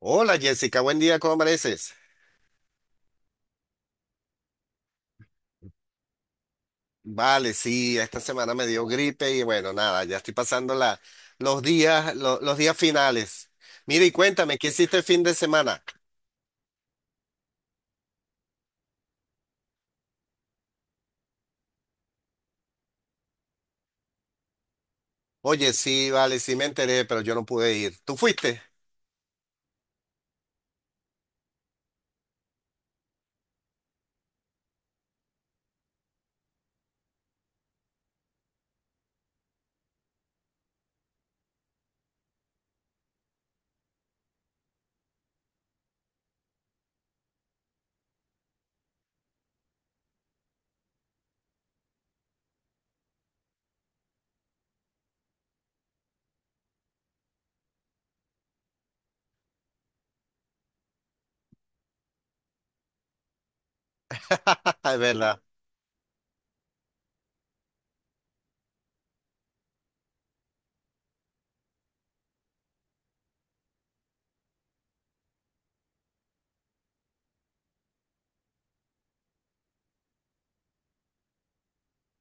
Hola Jessica, buen día, ¿cómo amaneces? Vale, sí, esta semana me dio gripe y bueno, nada, ya estoy pasando los días, los días finales. Mira y cuéntame, ¿qué hiciste el fin de semana? Oye, sí, vale, sí me enteré, pero yo no pude ir. ¿Tú fuiste? Es verdad,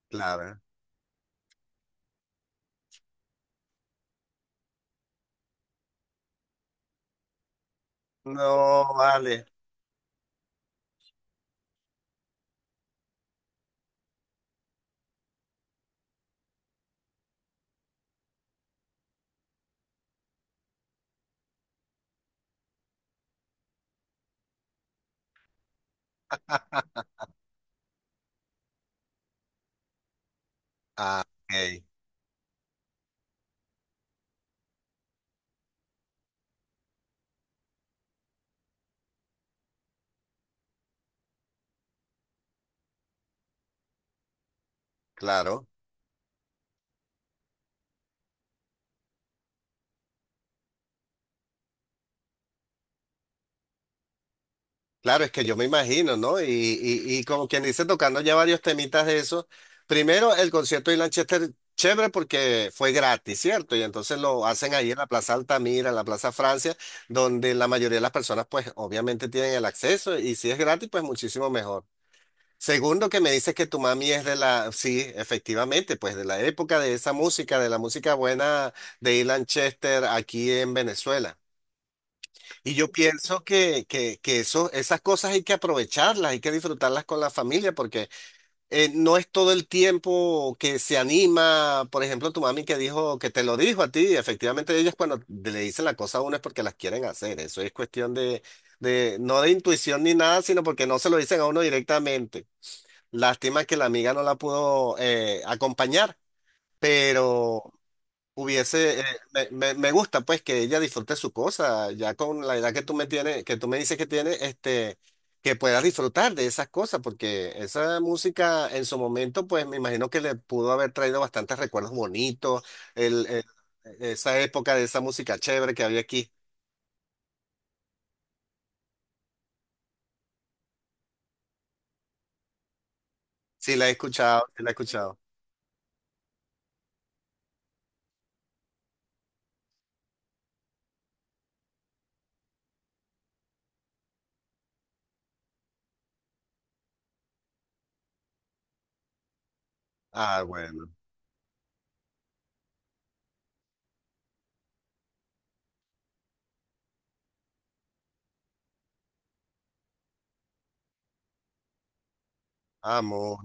claro. No, vale. Ah, ok, claro. Claro, es que yo me imagino, ¿no? Y como quien dice, tocando ya varios temitas de eso. Primero, el concierto de Lanchester, chévere porque fue gratis, ¿cierto? Y entonces lo hacen ahí en la Plaza Altamira, en la Plaza Francia, donde la mayoría de las personas, pues obviamente tienen el acceso y si es gratis, pues muchísimo mejor. Segundo, que me dices que tu mami es de la, sí, efectivamente, pues de la época de esa música, de la música buena de Ilan Chester aquí en Venezuela. Y yo pienso que eso, esas cosas hay que aprovecharlas, hay que disfrutarlas con la familia, porque no es todo el tiempo que se anima. Por ejemplo, tu mami que dijo, que te lo dijo a ti, efectivamente ellas cuando le dicen la cosa a uno es porque las quieren hacer. Eso es cuestión no de intuición ni nada, sino porque no se lo dicen a uno directamente. Lástima que la amiga no la pudo acompañar, pero hubiese, me gusta pues que ella disfrute su cosa, ya con la edad que tú me tienes, que tú me dices que tiene, este, que puedas disfrutar de esas cosas, porque esa música en su momento, pues me imagino que le pudo haber traído bastantes recuerdos bonitos, el, el- esa época de esa música chévere que había aquí. Sí, la he escuchado, sí la he escuchado. Ah, bueno, amo.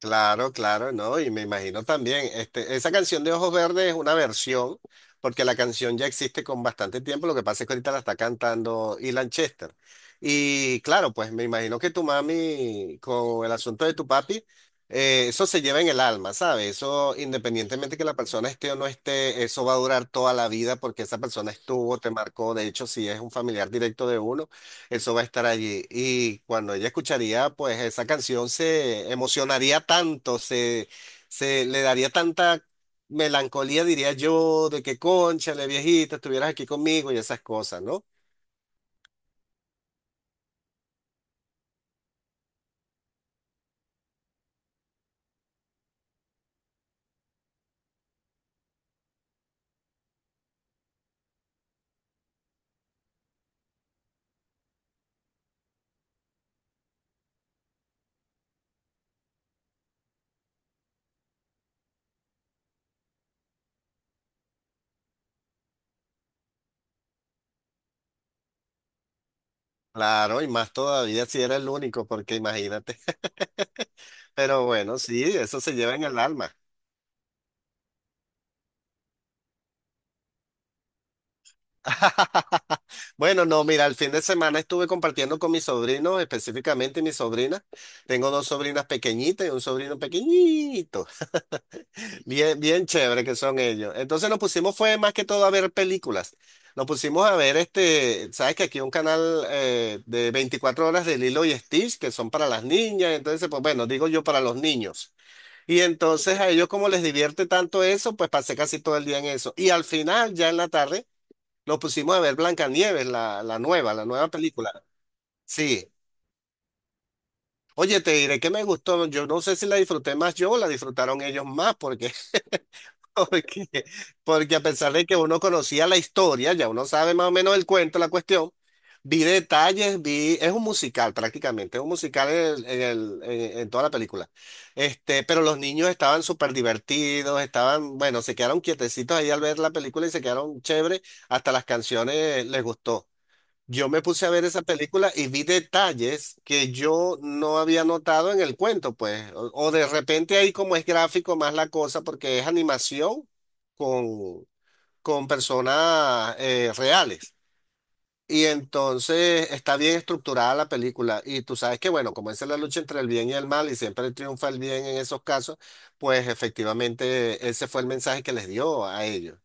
Claro, claro, ¿no? Y me imagino también, este, esa canción de Ojos Verdes es una versión, porque la canción ya existe con bastante tiempo, lo que pasa es que ahorita la está cantando Ilan Chester. Y claro, pues me imagino que tu mami, con el asunto de tu papi, eso se lleva en el alma, ¿sabes? Eso, independientemente que la persona esté o no esté, eso va a durar toda la vida porque esa persona estuvo, te marcó, de hecho, si es un familiar directo de uno. Eso va a estar allí. Y cuando ella escucharía, pues esa canción se emocionaría tanto, se le daría tanta melancolía, diría yo, de que cónchale, viejita, estuvieras aquí conmigo y esas cosas, ¿no? Claro, y más todavía si era el único, porque imagínate. Pero bueno, sí, eso se lleva en el alma. Bueno, no, mira, el fin de semana estuve compartiendo con mis sobrinos, específicamente mi sobrina. Tengo dos sobrinas pequeñitas y un sobrino pequeñito. Bien, bien chévere que son ellos. Entonces nos pusimos fue más que todo a ver películas. Nos pusimos a ver este, sabes que aquí hay un canal de 24 horas de Lilo y Stitch que son para las niñas, entonces pues bueno, digo yo para los niños. Y entonces a ellos como les divierte tanto eso, pues pasé casi todo el día en eso. Y al final, ya en la tarde, nos pusimos a ver Blancanieves, la nueva película. Sí. Oye, te diré que me gustó, yo no sé si la disfruté más yo o la disfrutaron ellos más, porque Porque, porque a pesar de que uno conocía la historia, ya uno sabe más o menos el cuento, la cuestión, vi detalles, vi, es un musical prácticamente, es un musical en toda la película. Este, pero los niños estaban súper divertidos, estaban, bueno, se quedaron quietecitos ahí al ver la película y se quedaron chévere, hasta las canciones les gustó. Yo me puse a ver esa película y vi detalles que yo no había notado en el cuento, pues. O de repente ahí como es gráfico más la cosa porque es animación con, con personas reales. Y entonces está bien estructurada la película. Y tú sabes que, bueno, como esa es la lucha entre el bien y el mal y siempre triunfa el bien en esos casos, pues efectivamente ese fue el mensaje que les dio a ellos.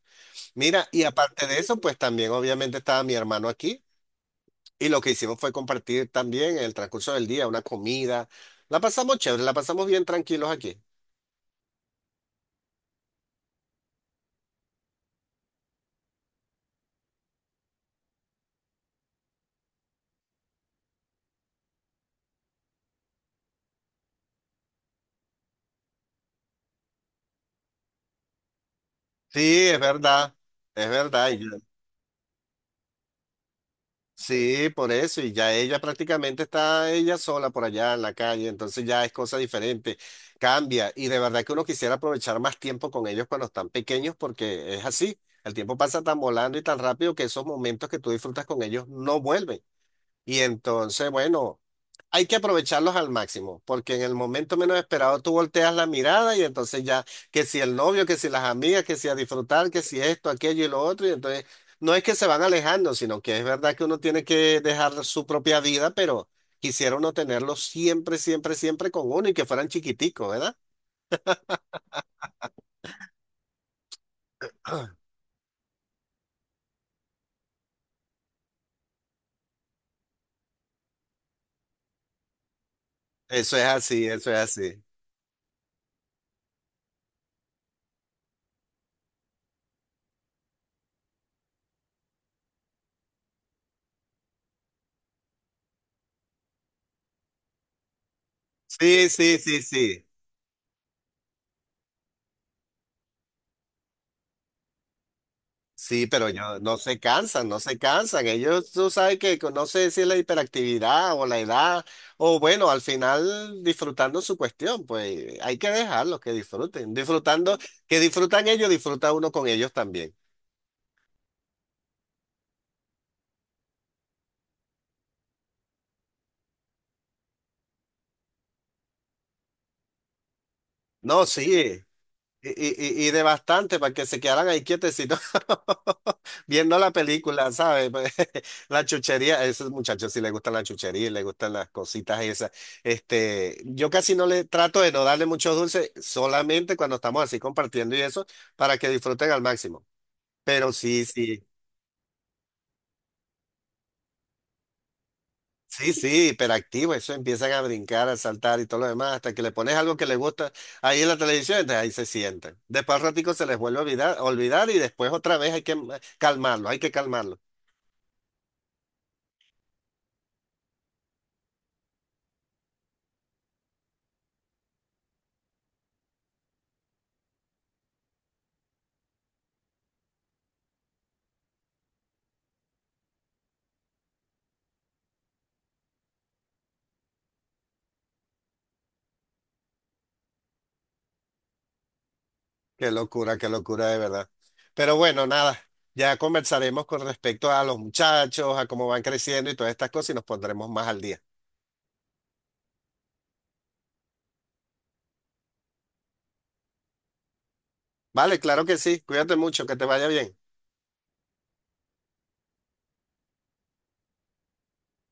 Mira, y aparte de eso, pues también obviamente estaba mi hermano aquí. Y lo que hicimos fue compartir también en el transcurso del día una comida. La pasamos chévere, la pasamos bien tranquilos aquí. Sí, es verdad, es verdad. Sí, por eso. Y ya ella prácticamente está ella sola por allá en la calle, entonces ya es cosa diferente, cambia. Y de verdad que uno quisiera aprovechar más tiempo con ellos cuando están pequeños porque es así. El tiempo pasa tan volando y tan rápido que esos momentos que tú disfrutas con ellos no vuelven. Y entonces, bueno, hay que aprovecharlos al máximo, porque en el momento menos esperado tú volteas la mirada y entonces ya, que si el novio, que si las amigas, que si a disfrutar, que si esto, aquello y lo otro, y entonces no es que se van alejando, sino que es verdad que uno tiene que dejar su propia vida, pero quisiera uno tenerlos siempre, siempre, siempre con uno y que fueran chiquiticos, ¿verdad? Eso es así, eso es así. Sí, sí, sí, sí. Sí, pero yo se cansan, no se cansan. Ellos, tú sabes que no sé si es la hiperactividad o la edad, o bueno, al final disfrutando su cuestión, pues hay que dejarlos que disfruten. Disfrutando, que disfrutan ellos, disfruta uno con ellos también. No, sí. Y, y de bastante para que se quedaran ahí quietecitos viendo la película, ¿sabes? Pues, la chuchería, a esos muchachos sí les gustan la chuchería, y les gustan las cositas esas. Este, yo casi no le trato de no darle muchos dulces, solamente cuando estamos así compartiendo y eso, para que disfruten al máximo. Pero sí, sí. Sí, sí, hiperactivo, eso empiezan a brincar, a saltar y todo lo demás, hasta que le pones algo que les gusta ahí en la televisión, entonces ahí se sientan. Después al ratico se les vuelve a olvidar, y después otra vez hay que calmarlo, hay que calmarlo. Qué locura de verdad. Pero bueno, nada, ya conversaremos con respecto a los muchachos, a cómo van creciendo y todas estas cosas y nos pondremos más al día. Vale, claro que sí, cuídate mucho, que te vaya bien.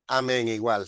Amén, igual.